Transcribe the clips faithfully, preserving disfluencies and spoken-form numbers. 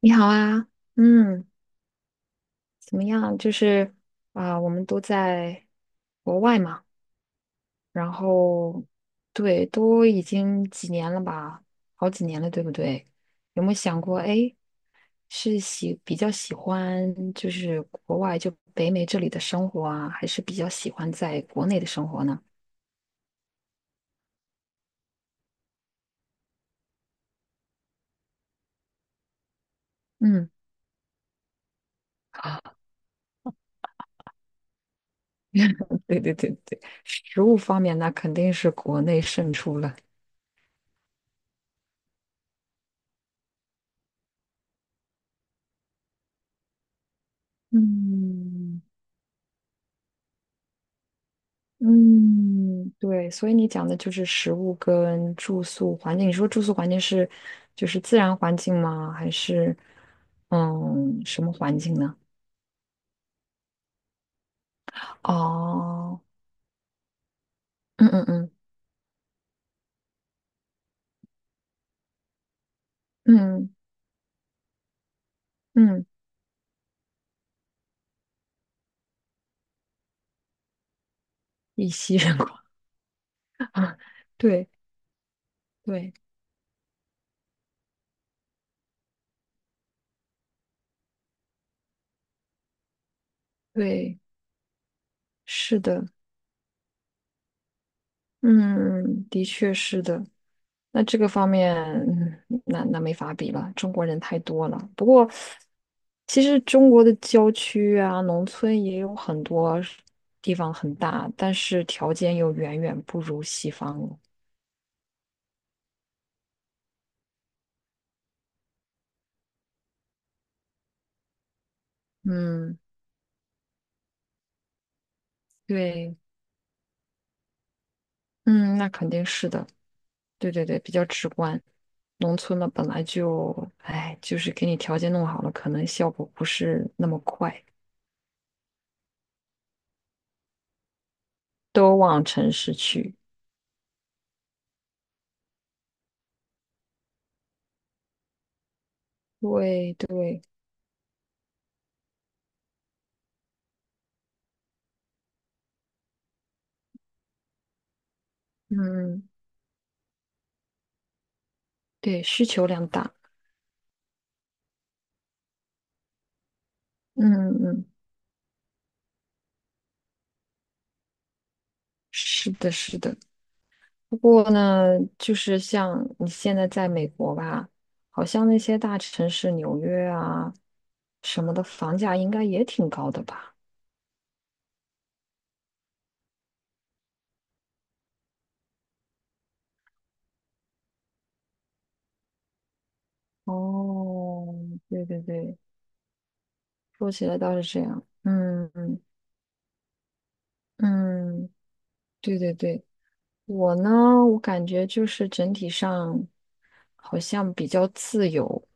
你好啊，嗯，怎么样？就是啊、我们都在国外嘛，然后对，都已经几年了吧，好几年了，对不对？有没有想过，哎，是喜比较喜欢就是国外就北美这里的生活啊，还是比较喜欢在国内的生活呢？嗯，啊，对对对对，食物方面那肯定是国内胜出了。嗯。嗯，对，所以你讲的就是食物跟住宿环境。你说住宿环境是就是自然环境吗？还是嗯什么环境呢？哦，嗯嗯嗯嗯嗯，以息人观 啊，对对对，是的，嗯，的确是的。那这个方面，嗯那那没法比了，中国人太多了。不过，其实中国的郊区啊、农村也有很多是地方很大，但是条件又远远不如西方了。嗯，对，嗯，那肯定是的，对对对，比较直观。农村嘛，本来就，哎，就是给你条件弄好了，可能效果不是那么快，都往城市去。对对，嗯，对，需求量大。嗯嗯。是的，是的。不过呢，就是像你现在在美国吧，好像那些大城市，纽约啊什么的，房价应该也挺高的吧？哦，对对对，说起来倒是这样。嗯嗯嗯，对对对，我呢，我感觉就是整体上好像比较自由，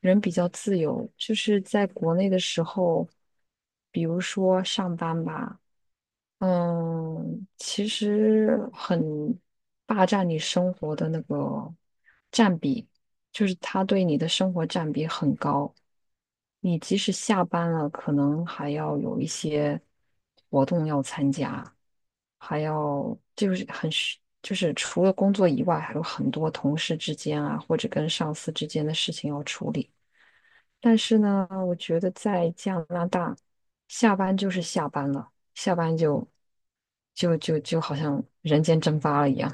人比较自由。就是在国内的时候，比如说上班吧。嗯，其实很霸占你生活的那个占比，就是他对你的生活占比很高。你即使下班了，可能还要有一些活动要参加，还要就是很需就是除了工作以外，还有很多同事之间啊，或者跟上司之间的事情要处理。但是呢，我觉得在加拿大，下班就是下班了，下班就就就就好像人间蒸发了一样。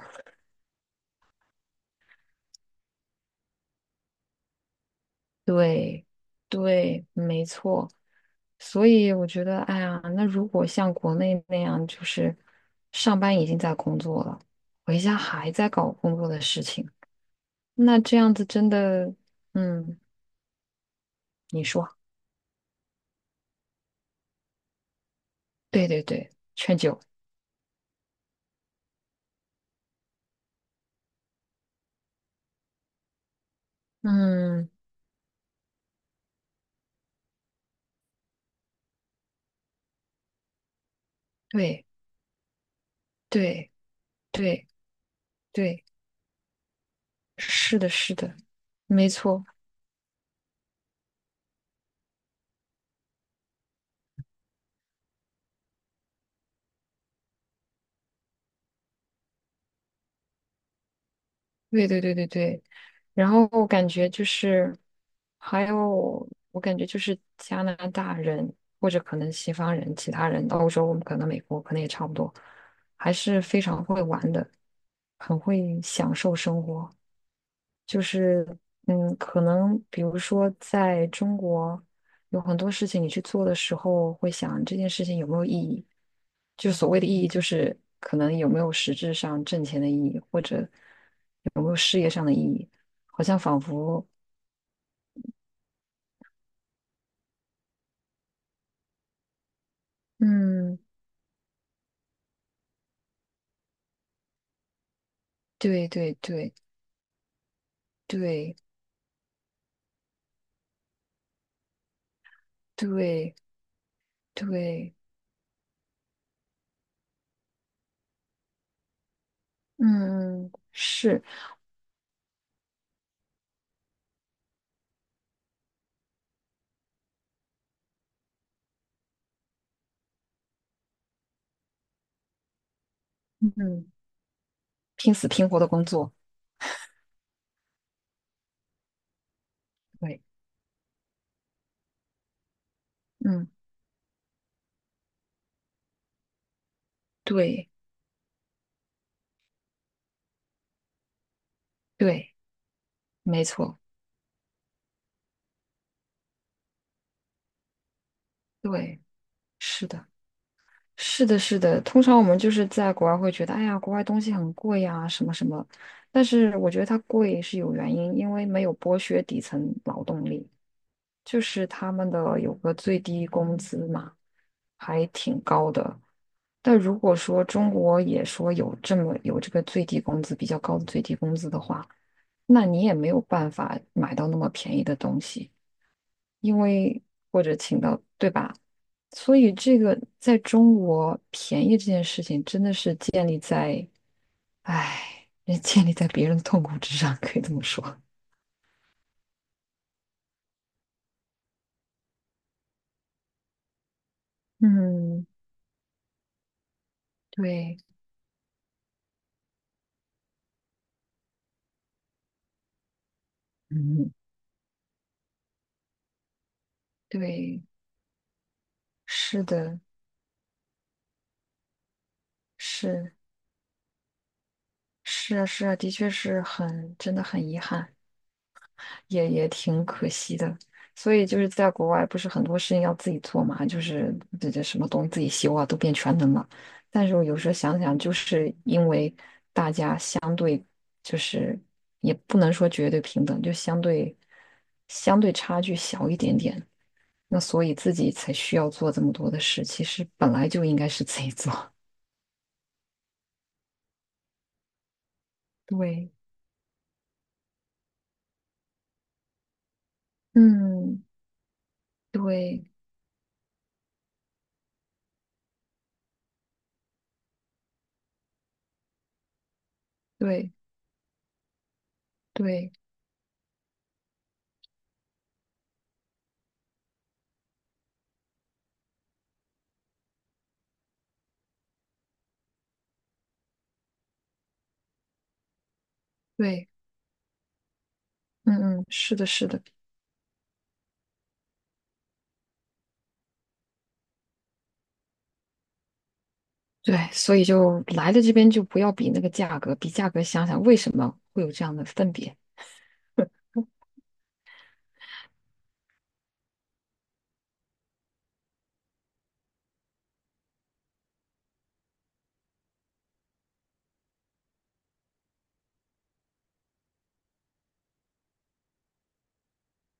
对，对，没错。所以我觉得，哎呀，那如果像国内那样，就是上班已经在工作了，回家还在搞工作的事情，那这样子真的，嗯，你说，对对对，劝酒，嗯，对对对对。是的，是的，没错，对对对对对。然后我感觉就是，还有我感觉就是加拿大人或者可能西方人、其他人，欧洲可能美国可能也差不多，还是非常会玩的，很会享受生活。就是嗯，可能比如说在中国。有很多事情你去做的时候，会想这件事情有没有意义。就所谓的意义，就是可能有没有实质上挣钱的意义，或者有没有事业上的意义，好像仿佛，嗯，对对对对对对，嗯，是，嗯，拼死拼活的工作，对，嗯，对对，没错，对，是的。是的，是的，通常我们就是在国外会觉得，哎呀，国外东西很贵呀，什么什么。但是我觉得它贵是有原因，因为没有剥削底层劳动力，就是他们的有个最低工资嘛，还挺高的。但如果说中国也说有这么有这个最低工资比较高的最低工资的话，那你也没有办法买到那么便宜的东西。因为或者请到，对吧？所以这个在中国便宜这件事情，真的是建立在，唉，也建立在别人的痛苦之上，可以这么说。嗯，对，嗯，对，是的，是是啊，是啊，的确是很，真的很遗憾。也也挺可惜的。所以就是在国外，不是很多事情要自己做嘛，就是这这什么东西自己修啊，都变全能了。但是我有时候想想，就是因为大家相对就是也不能说绝对平等，就相对相对差距小一点点，那所以自己才需要做这么多的事。其实本来就应该是自己做。对，嗯，对对对对，嗯嗯，是的，是的。对，所以就来了这边就不要比那个价格，比价格想想为什么会有这样的分别。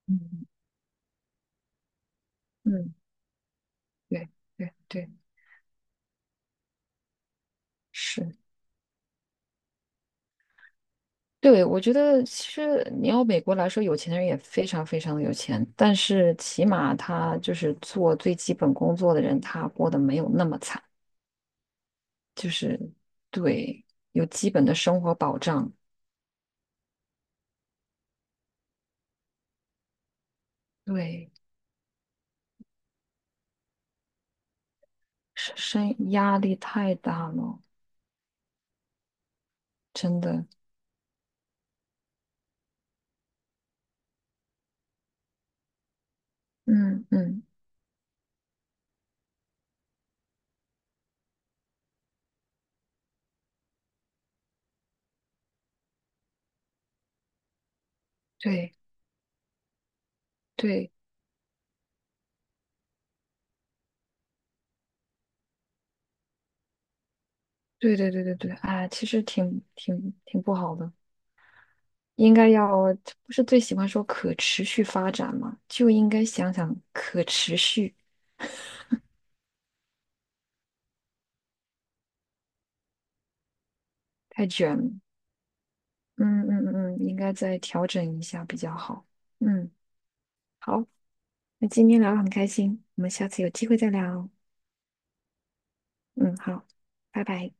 嗯嗯，对对对，是，对，我觉得其实你要美国来说，有钱的人也非常非常的有钱，但是起码他就是做最基本工作的人，他过得没有那么惨，就是对，有基本的生活保障，对，生生压力太大了，真的，嗯嗯，对对。对对对对对，哎，其实挺挺挺不好的，应该要，不是最喜欢说可持续发展嘛，就应该想想可持续，太卷了。嗯嗯嗯，应该再调整一下比较好。嗯，好，那今天聊得很开心，我们下次有机会再聊哦。嗯，好，拜拜。